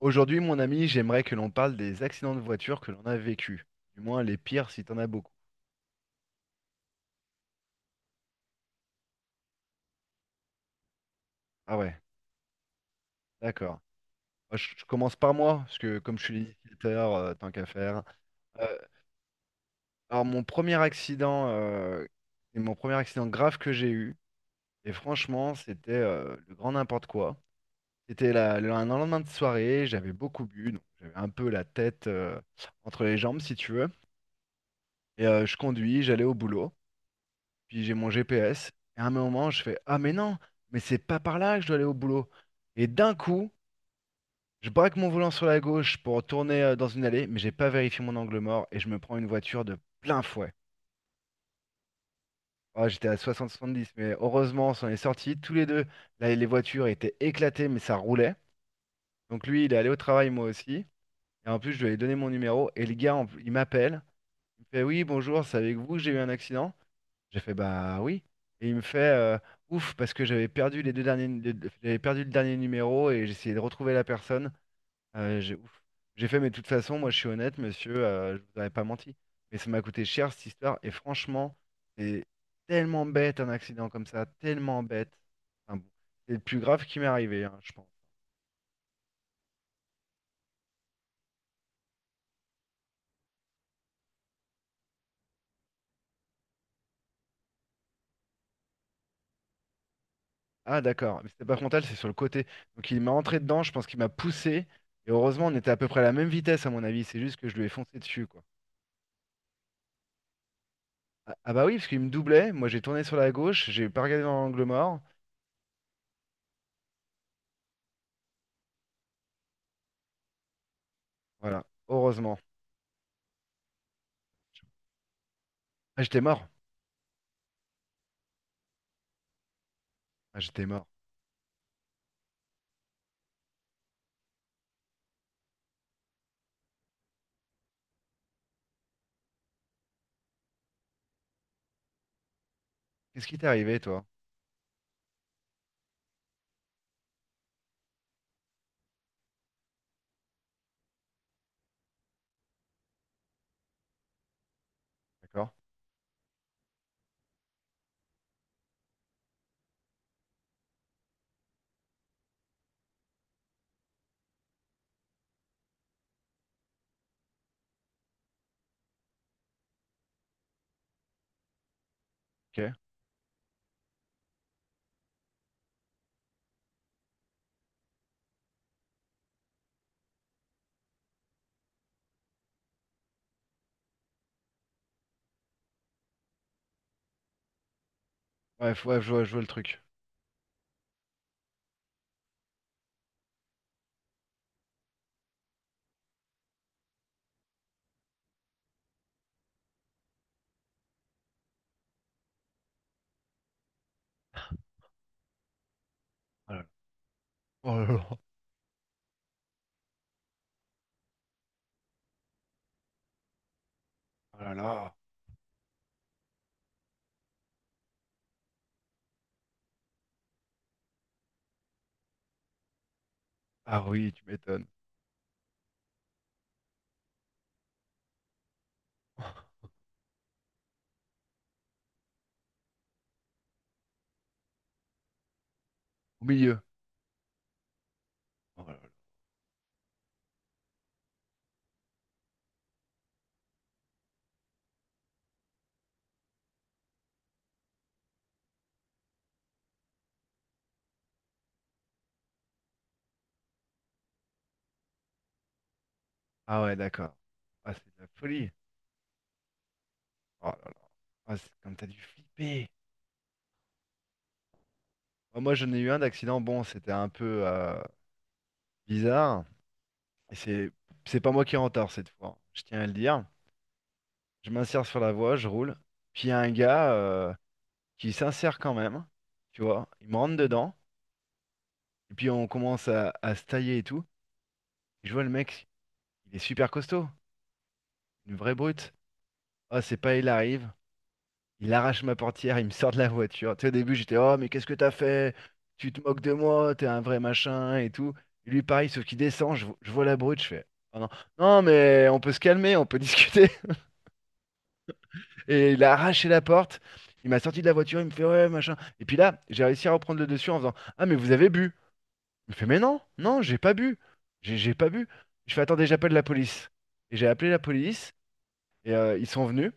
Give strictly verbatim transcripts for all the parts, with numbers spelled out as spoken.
Aujourd'hui, mon ami, j'aimerais que l'on parle des accidents de voiture que l'on a vécus. Du moins, les pires si t'en as beaucoup. Ah ouais, d'accord. Moi, je, je commence par moi, parce que comme je suis l'initiateur, euh, tant qu'à faire. Euh, alors, mon premier accident, euh, c'est mon premier accident grave que j'ai eu. Et franchement, c'était euh, le grand n'importe quoi. C'était la- le- un lendemain de soirée, j'avais beaucoup bu, donc j'avais un peu la tête euh, entre les jambes, si tu veux. Et euh, je conduis, j'allais au boulot. Puis j'ai mon G P S. Et à un moment, je fais, ah mais non, mais c'est pas par là que je dois aller au boulot. Et d'un coup, je braque mon volant sur la gauche pour tourner euh, dans une allée, mais j'ai pas vérifié mon angle mort et je me prends une voiture de plein fouet. Ah, j'étais à soixante soixante-dix, mais heureusement, on s'en est sortis tous les deux. Là, les voitures étaient éclatées, mais ça roulait. Donc lui, il est allé au travail, moi aussi. Et en plus, je lui ai donné mon numéro. Et le gars, en- il m'appelle. Il me fait, oui, bonjour, c'est avec vous que j'ai eu un accident. J'ai fait bah oui. Et il me fait euh, ouf parce que j'avais perdu les deux derniers, les deux- j'avais perdu le dernier numéro et j'essayais de retrouver la personne. Euh, j'ai ouf. J'ai fait mais de toute façon, moi je suis honnête, monsieur, euh, je vous aurais pas menti. Mais ça m'a coûté cher cette histoire et franchement, c'est tellement bête un accident comme ça, tellement bête. Enfin bon, c'est le plus grave qui m'est arrivé, hein, je pense. Ah d'accord, mais c'était pas frontal, c'est sur le côté. Donc il m'a entré dedans, je pense qu'il m'a poussé et heureusement on était à peu près à la même vitesse à mon avis. C'est juste que je lui ai foncé dessus quoi. Ah, ah bah oui, parce qu'il me doublait. Moi, j'ai tourné sur la gauche, j'ai pas regardé dans l'angle mort. Voilà, heureusement. Ah, j'étais mort. Ah, j'étais mort. Qu'est-ce qui t'est arrivé, toi? D'accord. Ok. Ouais, faut- ouais, je vois, je vois le truc. Oh là là. Oh là là. Oh là là. Ah oui, tu m'étonnes. Au milieu. Oh là là. Ah ouais, d'accord. Ah, c'est de la folie. Oh là là. Ah, c'est comme t'as dû flipper. Ah, moi, j'en ai eu un d'accident. Bon, c'était un peu euh, bizarre. Et c'est, c'est pas moi qui est en retard cette fois. Je tiens à le dire. Je m'insère sur la voie, je roule. Puis il y a un gars euh, qui s'insère quand même, tu vois. Il me rentre dedans. Et puis on commence à, à se tailler et tout. Et je vois le mec, il est super costaud, une vraie brute. Ah, c'est pas, il arrive, il arrache ma portière, il me sort de la voiture. Tu sais, au début, j'étais, oh, mais qu'est-ce que t'as fait? Tu te moques de moi, t'es un vrai machin et tout. Et lui, pareil, sauf qu'il descend, je, vo- je vois la brute, je fais, oh non, non, mais on peut se calmer, on peut discuter. Et il a arraché la porte. Il m'a sorti de la voiture, il me fait ouais, machin. Et puis là, j'ai réussi à reprendre le dessus en faisant ah, mais vous avez bu. Il me fait mais non, non, j'ai pas bu. J'ai j'ai pas bu. Je fais attendez, j'appelle la police. Et j'ai appelé la police et euh, ils sont venus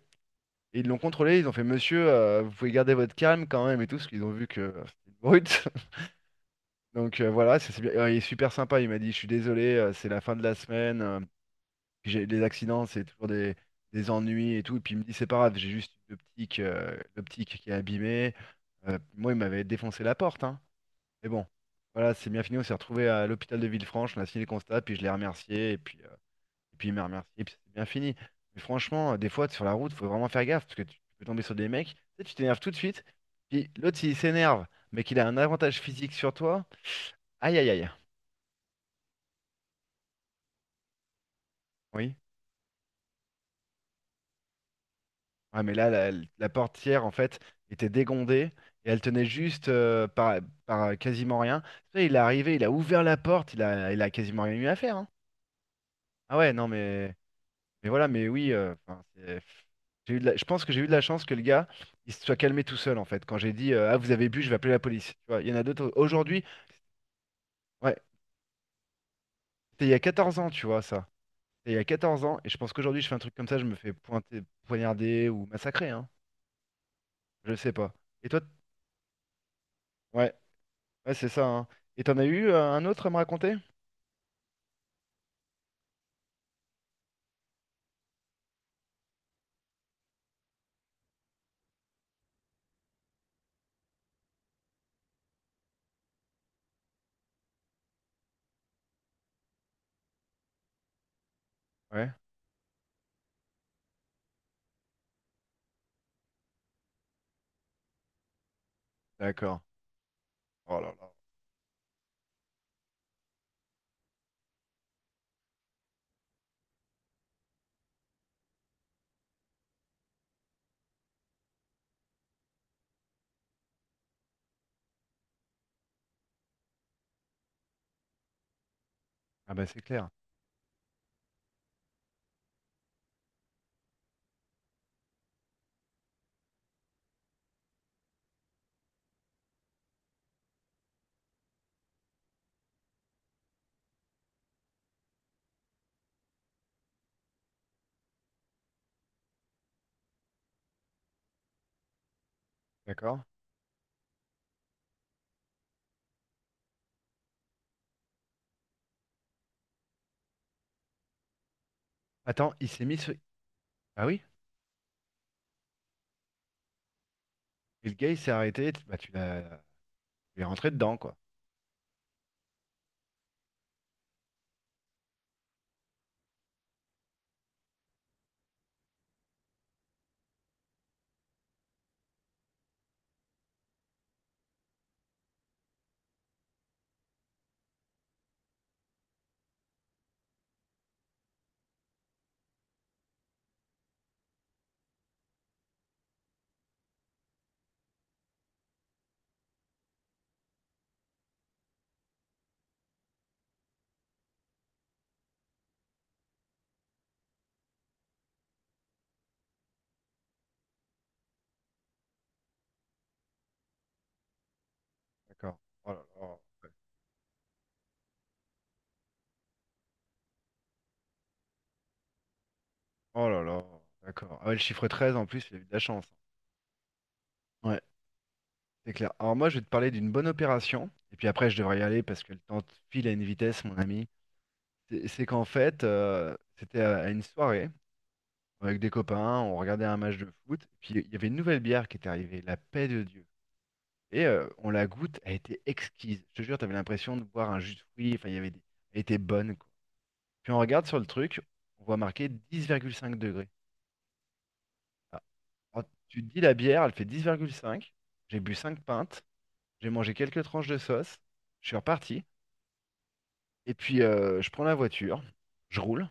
et ils l'ont contrôlé. Ils ont fait monsieur, euh, vous pouvez garder votre calme quand même et tout, parce qu'ils ont vu que euh, c'était une brute. Donc euh, voilà, c'est c'est bien. Euh, Il est super sympa. Il m'a dit je suis désolé, euh, c'est la fin de la semaine. euh, Puis j'ai les accidents, c'est toujours des, des ennuis et tout. Et puis il me dit, c'est pas grave, j'ai juste une optique, euh, l'optique qui est abîmée. Euh, moi, il m'avait défoncé la porte, hein. Mais bon, voilà, c'est bien fini. On s'est retrouvé à l'hôpital de Villefranche, on a signé le constat, puis je l'ai remercié, et puis, euh, et puis il m'a remercié, et puis c'est bien fini. Mais franchement, euh, des fois, sur la route, faut vraiment faire gaffe, parce que tu peux tomber sur des mecs, tu sais, tu t'énerves tout de suite, puis l'autre, s'il s'énerve, mais qu'il a un avantage physique sur toi, aïe aïe aïe. Oui. Ouais, mais là, la, la portière, en fait, était dégondée et elle tenait juste euh, par, par euh, quasiment rien. Tu sais, il est arrivé, il a ouvert la porte, il a, il a quasiment rien eu à faire, hein. Ah ouais, non, mais, mais voilà, mais oui, euh, enfin, c'est- j'ai eu de la- je pense que j'ai eu de la chance que le gars, il se soit calmé tout seul, en fait. Quand j'ai dit, euh, ah, vous avez bu, je vais appeler la police. Tu vois, il y en a d'autres. Aujourd'hui, ouais, c'était il y a quatorze ans, tu vois, ça. C'était il y a quatorze ans, et je pense qu'aujourd'hui, je fais un truc comme ça, je me fais pointer, poignarder ou massacrer, hein. Je sais pas. Et toi, t- ouais. Ouais, c'est ça, hein. Et t'en as eu euh, un autre à me raconter? Ouais, d'accord. Oh là là. Ah bah c'est clair. D'accord. Attends, il s'est mis sur... Ah oui? Et le gars, il s'est arrêté. Bah tu l'as... Tu es rentré dedans, quoi. D'accord. Oh là là. Ouais. Oh là là. D'accord. Ah ouais, le chiffre treize en plus, il a eu de la chance. Ouais, c'est clair. Alors moi, je vais te parler d'une bonne opération. Et puis après, je devrais y aller parce que le temps file à une vitesse, mon ami. C'est c'est qu'en fait, euh, c'était à à une soirée avec des copains. On regardait un match de foot. Puis il y avait une nouvelle bière qui était arrivée. La Paix de Dieu. Et euh, on la goûte, elle était exquise. Je te jure, t'avais l'impression de boire un jus de fruits. Enfin, il y avait des... Elle était bonne, quoi. Puis on regarde sur le truc, on voit marqué dix virgule cinq degrés. Ah, alors, tu te dis la bière, elle fait dix virgule cinq. J'ai bu cinq pintes, j'ai mangé quelques tranches de sauce, je suis reparti. Et puis euh, je prends la voiture, je roule.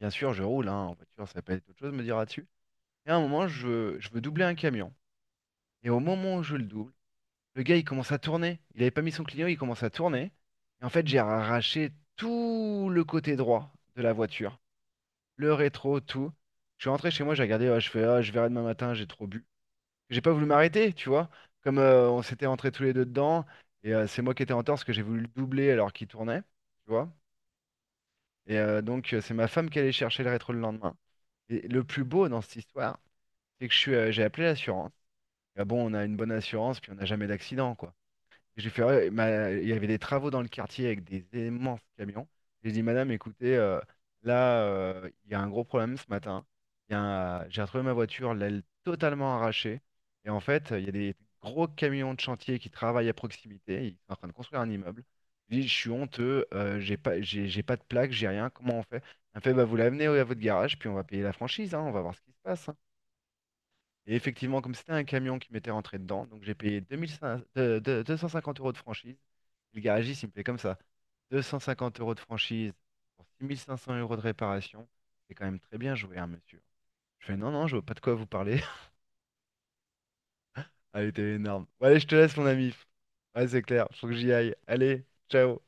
Bien sûr, je roule, hein, en voiture, ça peut être autre chose, me dira-tu. Et à un moment, je veux, je veux doubler un camion. Et au moment où je le double, le gars, il commence à tourner. Il avait pas mis son client, il commence à tourner. Et en fait, j'ai arraché tout le côté droit de la voiture. Le rétro, tout. Je suis rentré chez moi, j'ai regardé, ah, je fais, ah, je verrai demain matin, j'ai trop bu. J'ai pas voulu m'arrêter, tu vois. Comme euh, on s'était rentrés tous les deux dedans. Et euh, c'est moi qui étais en tort parce que j'ai voulu le doubler alors qu'il tournait, tu vois. Et euh, donc, euh, c'est ma femme qui allait chercher le rétro le lendemain. Et le plus beau dans cette histoire, c'est que je suis, euh, j'ai appelé l'assurance. Ah bon, on a une bonne assurance, puis on n'a jamais d'accident, quoi. J'ai fait, ouais, ma- il y avait des travaux dans le quartier avec des immenses camions. J'ai dit, madame, écoutez, euh, là, euh, il y a un gros problème ce matin. Il y a un- j'ai retrouvé ma voiture, l'aile totalement arrachée. Et en fait, il y a des gros camions de chantier qui travaillent à proximité. Ils sont en train de construire un immeuble. Je dis, je suis honteux, euh, j'ai pas, j'ai j'ai pas de plaque, j'ai rien. Comment on fait? Elle me fait, bah, vous l'amenez à votre garage, puis on va payer la franchise, hein, on va voir ce qui se passe, hein. Et effectivement, comme c'était un camion qui m'était rentré dedans, donc j'ai payé deux mille cinq cents de- de- deux cent cinquante euros de franchise. Le garagiste, il me fait comme ça: deux cent cinquante euros de franchise pour six mille cinq cents euros de réparation. C'est quand même très bien joué, hein, monsieur. Je fais non, non, je vois pas de quoi vous parler. Ah, il était énorme. Bon, allez, je te laisse, mon ami. Ouais, c'est clair, faut que j'y aille. Allez, ciao.